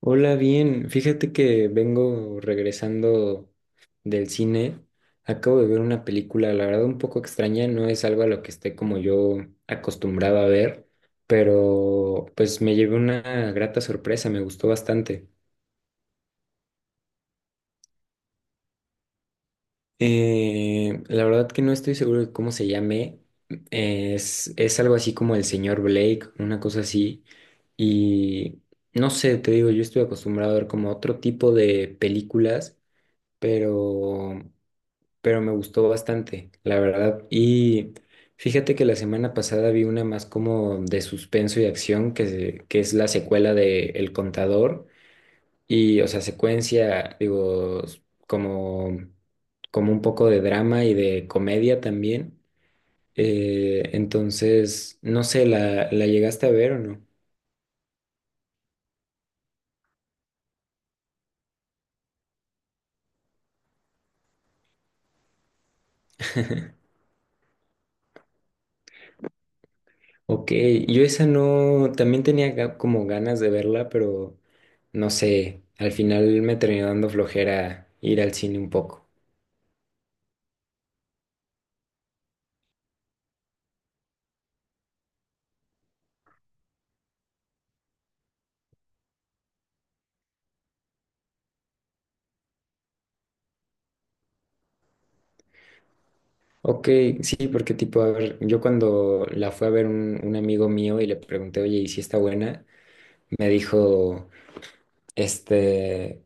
Hola, bien. Fíjate que vengo regresando del cine. Acabo de ver una película, la verdad, un poco extraña. No es algo a lo que esté como yo acostumbrado a ver, pero pues me llevé una grata sorpresa, me gustó bastante. La verdad que no estoy seguro de cómo se llame. Es algo así como El Señor Blake, una cosa así. Y no sé, te digo, yo estoy acostumbrado a ver como otro tipo de películas, pero... pero me gustó bastante, la verdad. Y fíjate que la semana pasada vi una más como de suspenso y acción, que es la secuela de El Contador. Y, o sea, secuencia, digo, como, como un poco de drama y de comedia también. Entonces, no sé, ¿la llegaste a ver o no? Ok, yo esa no, también tenía como ganas de verla, pero no sé, al final me terminó dando flojera ir al cine un poco. Ok, sí, porque tipo, a ver, yo cuando la fui a ver un amigo mío y le pregunté, oye, ¿y si está buena? Me dijo, este,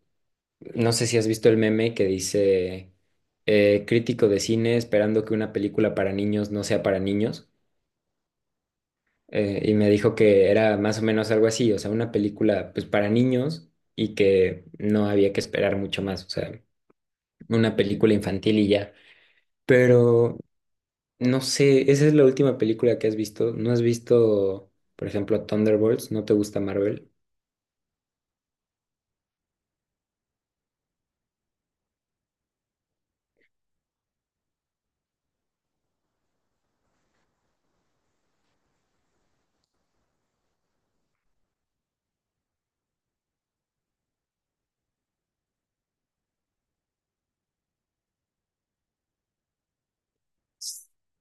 no sé si has visto el meme que dice, crítico de cine esperando que una película para niños no sea para niños. Y me dijo que era más o menos algo así, o sea, una película pues para niños y que no había que esperar mucho más, o sea, una película infantil y ya. Pero no sé, esa es la última película que has visto. ¿No has visto, por ejemplo, Thunderbolts? ¿No te gusta Marvel?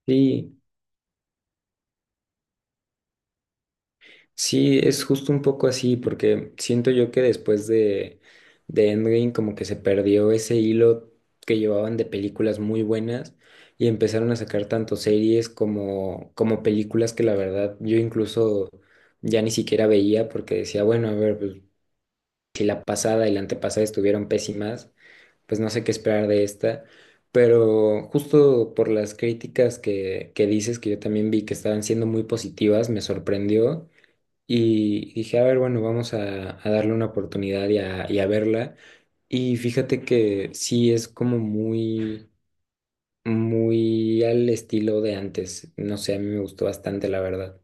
Sí, sí, es justo un poco así, porque siento yo que después de Endgame como que se perdió ese hilo que llevaban de películas muy buenas y empezaron a sacar tanto series como, como películas que la verdad yo incluso ya ni siquiera veía porque decía, bueno, a ver, pues, si la pasada y la antepasada estuvieron pésimas, pues no sé qué esperar de esta, pero justo por las críticas que dices, que yo también vi que estaban siendo muy positivas, me sorprendió y dije, a ver, bueno, vamos a darle una oportunidad y a verla. Y fíjate que sí es como muy, muy al estilo de antes. No sé, a mí me gustó bastante, la verdad.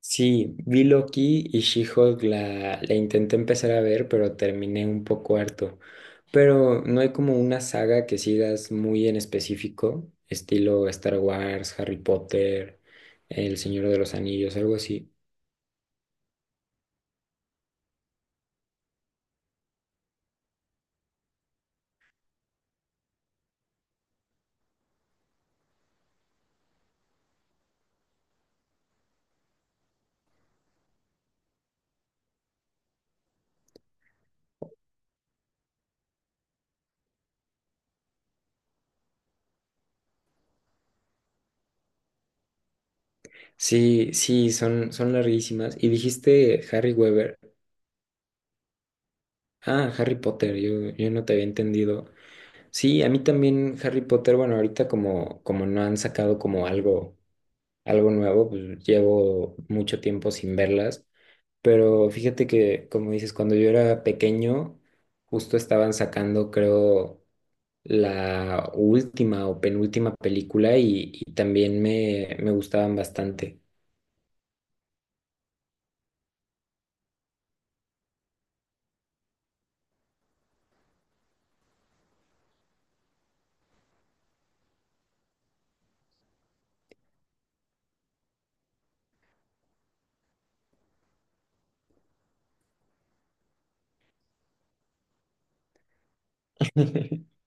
Sí, vi Loki y She-Hulk la intenté empezar a ver, pero terminé un poco harto. Pero no hay como una saga que sigas muy en específico, estilo Star Wars, Harry Potter, El Señor de los Anillos, algo así. Sí, sí, son, son larguísimas. Y dijiste Harry Weber. Ah, Harry Potter, yo no te había entendido. Sí, a mí también Harry Potter, bueno, ahorita como, como no han sacado como algo, algo nuevo, pues llevo mucho tiempo sin verlas. Pero fíjate que, como dices, cuando yo era pequeño, justo estaban sacando, creo, la última o penúltima película y también me gustaban bastante.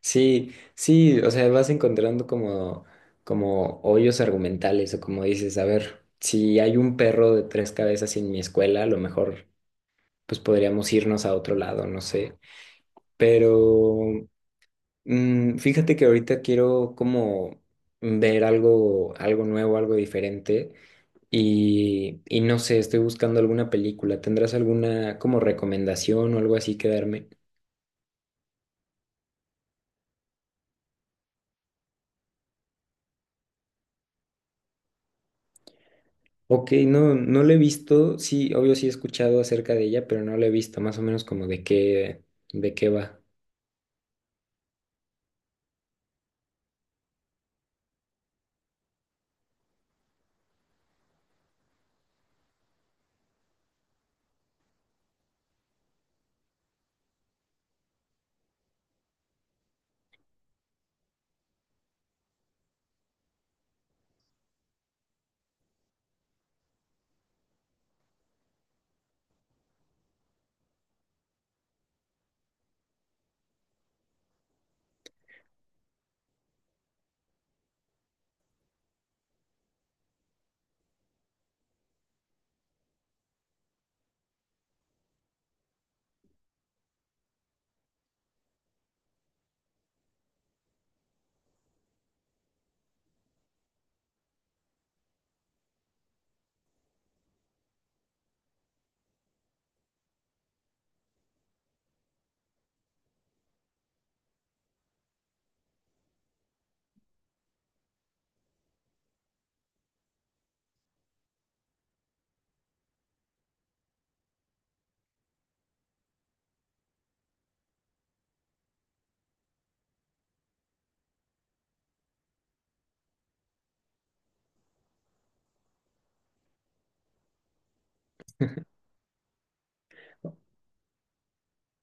Sí, sí, o sea, vas encontrando como, como hoyos argumentales o como dices, a ver, si hay un perro de tres cabezas en mi escuela, a lo mejor pues podríamos irnos a otro lado, no sé. Pero mm, fíjate que ahorita quiero como ver algo, algo nuevo, algo diferente y no sé, estoy buscando alguna película. ¿Tendrás alguna como recomendación o algo así que darme? Ok, no, no la he visto. Sí, obvio sí he escuchado acerca de ella, pero no la he visto. Más o menos como de qué va.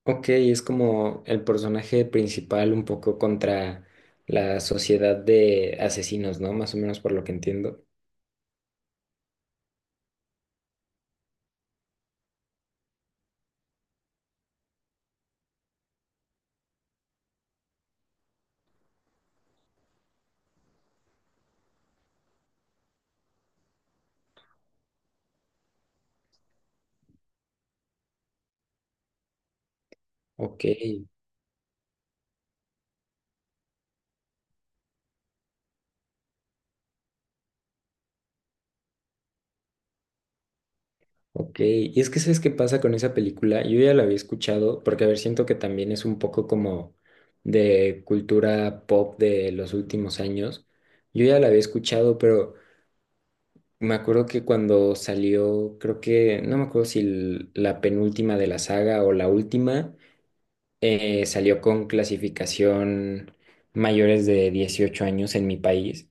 Ok, es como el personaje principal un poco contra la sociedad de asesinos, ¿no? Más o menos por lo que entiendo. Ok. Ok, y es que ¿sabes qué pasa con esa película? Yo ya la había escuchado porque, a ver, siento que también es un poco como de cultura pop de los últimos años. Yo ya la había escuchado, pero me acuerdo que cuando salió, creo que, no me acuerdo si la penúltima de la saga o la última, salió con clasificación mayores de 18 años en mi país.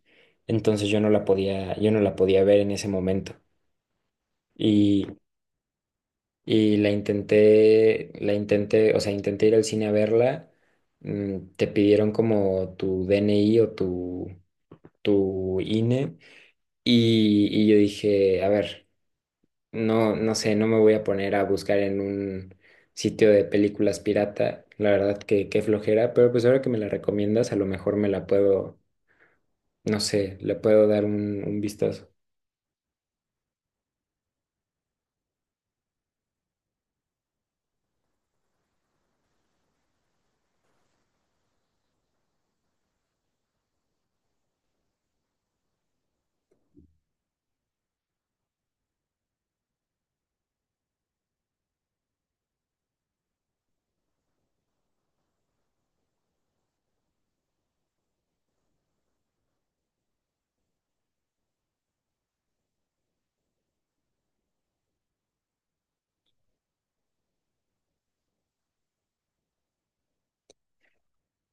Entonces yo no la podía, yo no la podía ver en ese momento. y Y la intenté, o sea, intenté ir al cine a verla. Te pidieron como tu DNI o tu INE. Y yo dije, a ver, no, no sé, no me voy a poner a buscar en un sitio de películas pirata. La verdad que qué flojera, pero pues ahora que me la recomiendas, a lo mejor me la puedo, no sé, le puedo dar un vistazo.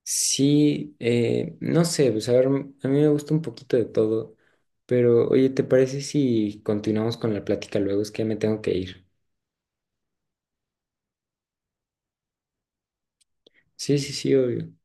Sí, no sé, pues a ver, a mí me gusta un poquito de todo, pero oye, ¿te parece si continuamos con la plática luego? Es que ya me tengo que ir. Sí, sí, sí, obvio.